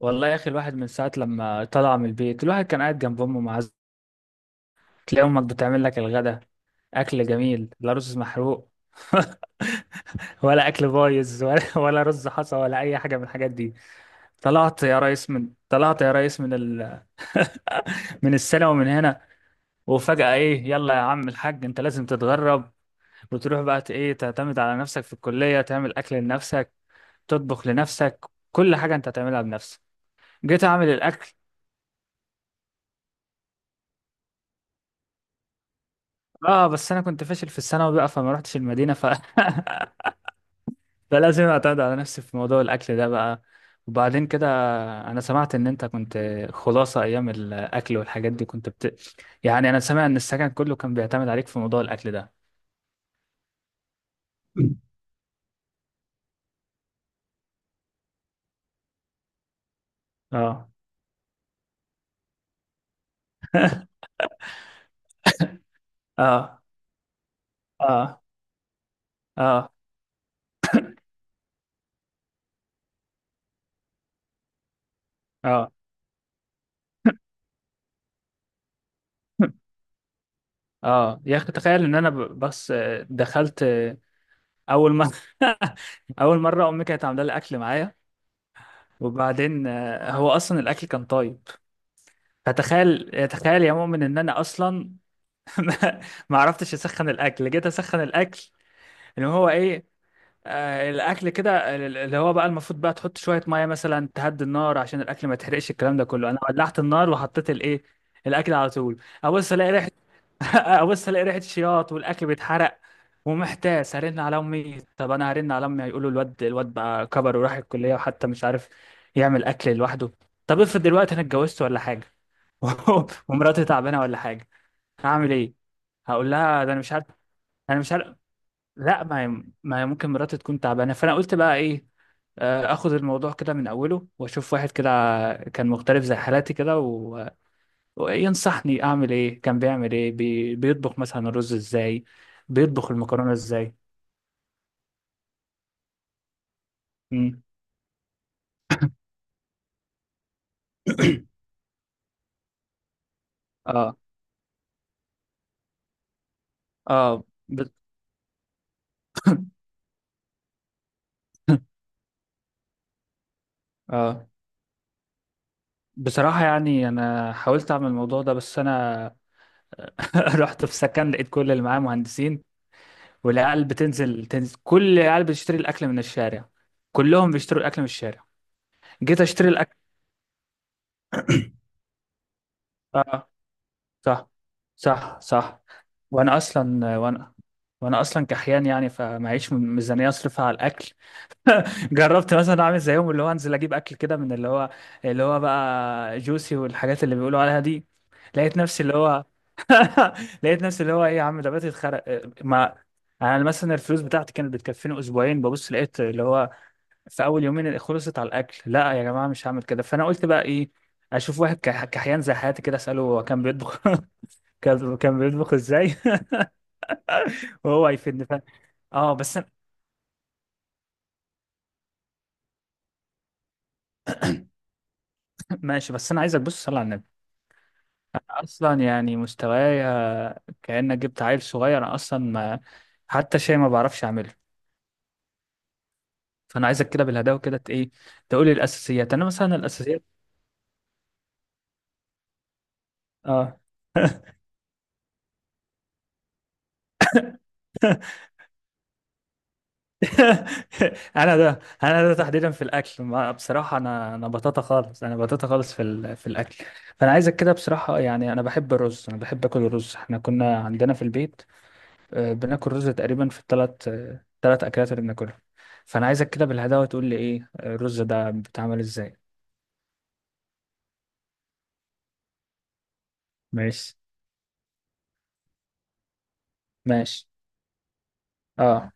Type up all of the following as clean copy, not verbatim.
والله يا اخي، الواحد من ساعه لما طلع من البيت الواحد كان قاعد جنب امه معزه. تلاقي امك بتعمل لك الغدا، اكل جميل، لا رز محروق ولا اكل بايظ ولا ولا رز حصى ولا اي حاجه من الحاجات دي. طلعت يا ريس من السنه ومن هنا. وفجاه ايه، يلا يا عم الحاج، انت لازم تتغرب وتروح بقى ت- ايه تعتمد على نفسك في الكليه، تعمل اكل لنفسك، تطبخ لنفسك، كل حاجه انت هتعملها بنفسك. جيت اعمل الاكل. اه بس انا كنت فاشل في الثانوي بقى فما رحتش المدينه فلازم اعتمد على نفسي في موضوع الاكل ده بقى. وبعدين كده، انا سمعت ان انت كنت خلاصه ايام الاكل والحاجات دي كنت يعني انا سامع ان السكن كله كان بيعتمد عليك في موضوع الاكل ده. اه. اه. اه. اه. اه. اه يا اخي، تخيل ان انا بس دخلت اول مره. اول مره امي كانت عامله لي اكل معايا، وبعدين هو اصلا الاكل كان طيب. فتخيل، تخيل يا مؤمن، ان انا اصلا ما ما عرفتش اسخن الاكل. جيت اسخن الاكل اللي هو ايه، الاكل كده اللي هو بقى المفروض بقى تحط شويه ميه مثلا تهدي النار عشان الاكل ما يتحرقش، الكلام ده كله انا ولعت النار وحطيت الايه الاكل على طول. ابص الاقي ريحه، ابص الاقي ريحه شياط والاكل بيتحرق ومحتاس هرن على امي. طب انا هرن على امي هيقولوا الواد بقى كبر وراح الكليه وحتى مش عارف يعمل اكل لوحده. طب افرض دلوقتي انا اتجوزت ولا حاجه ومراتي تعبانه ولا حاجه، هعمل ايه؟ هقول لها ده انا مش عارف. انا مش عارف. لا، ما هي ممكن مراتي تكون تعبانه. فانا قلت بقى ايه، اخد الموضوع كده من اوله واشوف واحد كده كان مختلف زي حالاتي كده وينصحني اعمل ايه، كان بيعمل ايه، بيطبخ مثلا الرز ازاي، بيطبخ المكرونه ازاي. مم. اه. اه. ب... اه. بصراحة يعني أنا حاولت أعمل الموضوع ده بس أنا رحت في سكن لقيت كل اللي معايا مهندسين، والعيال تنزل كل العيال بتشتري الاكل من الشارع، كلهم بيشتروا الاكل من الشارع. جيت اشتري الاكل. اه، صح، صح، صح. وانا اصلا وانا وانا اصلا كحيان يعني فمعيش ميزانيه اصرفها على الاكل. جربت مثلا اعمل زيهم، اللي هو انزل اجيب اكل كده من اللي هو بقى جوسي والحاجات اللي بيقولوا عليها دي. لقيت نفسي اللي هو لقيت نفسي اللي هو ايه يا عم، ده بقيت اتخرق. ما انا مثلا الفلوس بتاعتي كانت بتكفيني اسبوعين، ببص لقيت اللي هو في اول يومين خلصت على الاكل. لا يا جماعه مش هعمل كده. فانا قلت بقى ايه، اشوف واحد كحيان زي حياتي كده اساله هو كان بيطبخ، كان بيطبخ ازاي وهو هيفيدني اه بس ماشي، بس انا عايزك بص صلي على النبي، اصلا يعني مستوايا كانك جبت عيل صغير. أنا اصلا ما حتى شيء ما بعرفش اعمله. فانا عايزك كده بالهداوه كده ت- ايه تقولي الاساسيات. انا مثلا الاساسيات، اه. انا ده تحديدا في الاكل، ما بصراحه انا بطاطا خالص، انا بطاطا خالص في الاكل. فانا عايزك كده بصراحه، يعني انا بحب الرز، انا بحب اكل الرز. احنا كنا عندنا في البيت بناكل رز تقريبا في 3 اكلات اللي بناكلها. فانا عايزك كده بالهداوه تقول لي ايه، الرز ده بيتعمل ازاي. ماشي. ماشي. اه،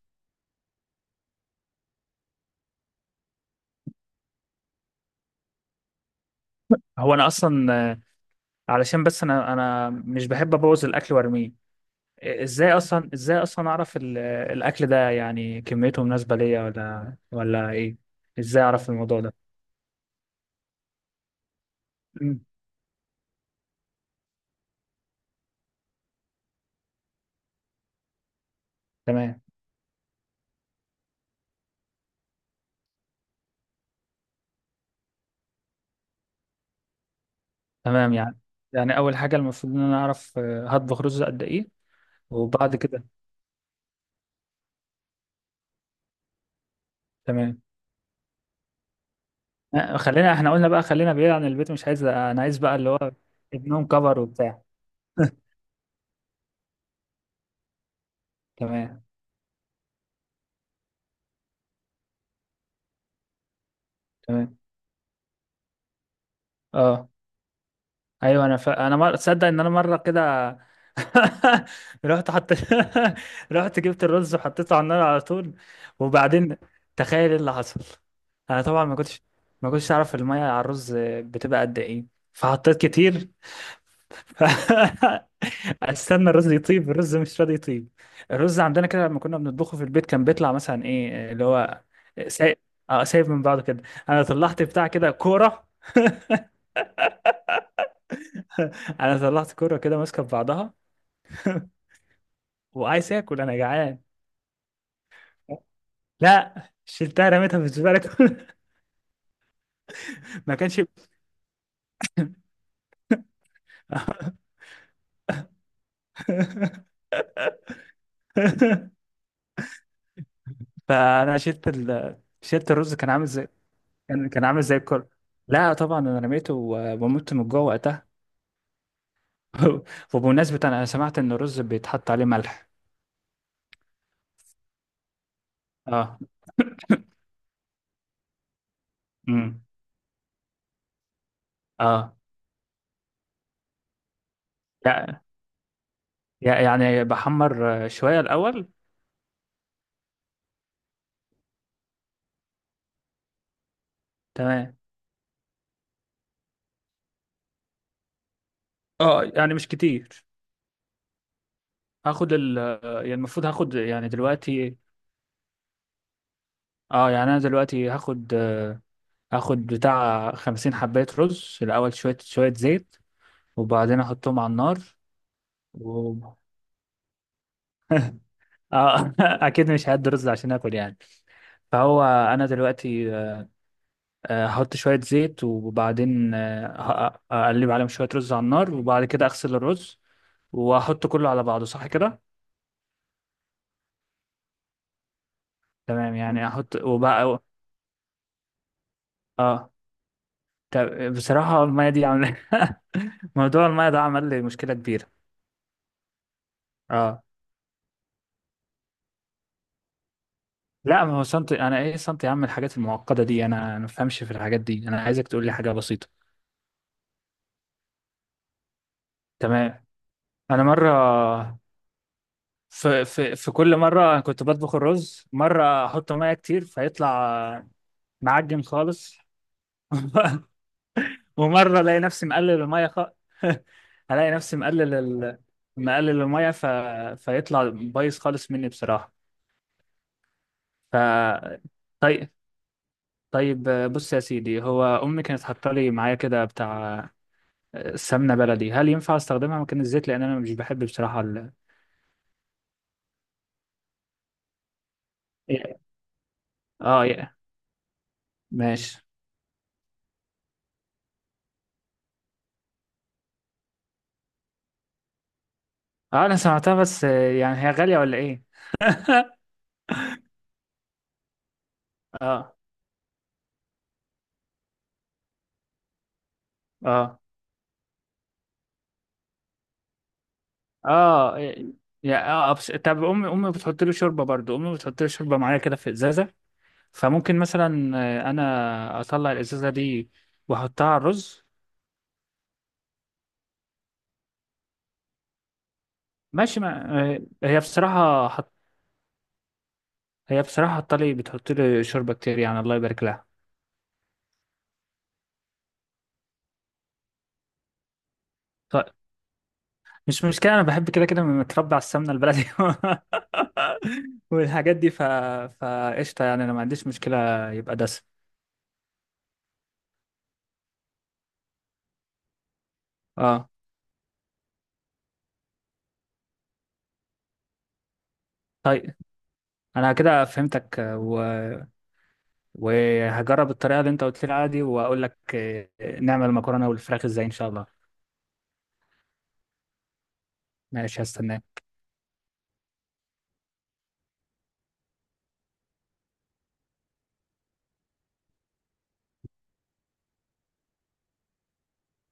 هو انا اصلا علشان بس انا مش بحب ابوظ الاكل وارميه. ازاي اصلا اعرف الاكل ده يعني كميته مناسبه ليا ولا ايه، ازاي اعرف الموضوع ده؟ مم. تمام. تمام، يعني اول حاجه المفروض ان انا اعرف هطبخ رز قد ايه. وبعد كده تمام خلينا احنا قلنا بقى، خلينا بعيد عن البيت، مش عايز، انا عايز بقى اللي هو ابنهم كفر وبتاع. تمام. تمام. اه، ايوه، انا ف... انا مر... تصدق ان انا مره كده رحت حط رحت جبت الرز وحطيته على النار على طول. وبعدين تخيل ايه اللي حصل، انا طبعا ما كنتش اعرف الميه على الرز بتبقى قد ايه، فحطيت كتير. استنى الرز يطيب، الرز مش راضي يطيب. الرز عندنا كده لما كنا بنطبخه في البيت كان بيطلع مثلا ايه اللي هو سايب، اه سايب من بعضه كده. انا طلعت بتاع كده كوره، انا طلعت كوره كده ماسكه في بعضها. وعايز اكل انا جعان، لا، شلتها رميتها في الزباله كلها. ما كانش. فانا شلت شلت الرز كان عامل زي، كان عامل زي الكل. لا طبعا انا رميته ومت من جوه وقتها. وبمناسبه انا سمعت ان الرز بيتحط عليه ملح. اه. امم. اه. لا، يعني بحمر شويه الاول. تمام. اه يعني مش كتير. هاخد ال، يعني المفروض هاخد يعني دلوقتي. اه يعني انا دلوقتي اخد بتاع 50 حباية رز الاول، شوية شوية زيت وبعدين احطهم على النار و... آه اكيد مش هعد رز عشان اكل يعني. فهو انا دلوقتي احط شوية زيت وبعدين اقلب عليهم شوية رز على النار، وبعد كده اغسل الرز واحط كله على بعضه، صح كده؟ تمام، يعني احط وبقى، اه. طب بصراحة المية دي عاملة موضوع المية ده عمل لي مشكلة كبيرة. اه. لا، ما هو سنتي، انا ايه سنتي يا عم، الحاجات المعقده دي أنا ما بفهمش في الحاجات دي. انا عايزك تقول لي حاجه بسيطه. تمام. انا مره، في كل مره أنا كنت بطبخ الرز، مره احط ميه كتير فيطلع معجن خالص، ومره الاقي نفسي مقلل الميه الاقي نفسي مقلل مقلل الميه فيطلع بايظ خالص مني بصراحه. ف طيب. طيب. بص يا سيدي، هو امي كانت حاطه لي معايا كده بتاع سمنة بلدي، هل ينفع استخدمها مكان الزيت، لان انا مش بحب بصراحة اه يا، ماشي. اه انا سمعتها بس يعني هي غالية ولا ايه؟ اه. اه. اه يا، اه بس طب امي بتحط له شوربة برضو، امي بتحط له شوربة معايا كده في ازازة، فممكن مثلا انا اطلع الازازة دي واحطها على الرز. ماشي، ما آه، هي بصراحة هي بصراحة حط لي بتحط لي شوربة كتير يعني الله يبارك لها. طيب، مش مشكلة، أنا بحب كده كده، متربي على السمنة البلدي والحاجات دي فقشطة، يعني أنا ما عنديش مشكلة يبقى دسم. أه. طيب. أنا كده فهمتك وهجرب الطريقة اللي أنت قلت لي عليها دي وأقول لك نعمل المكرونة والفراخ إزاي إن شاء الله. ماشي، هستناك.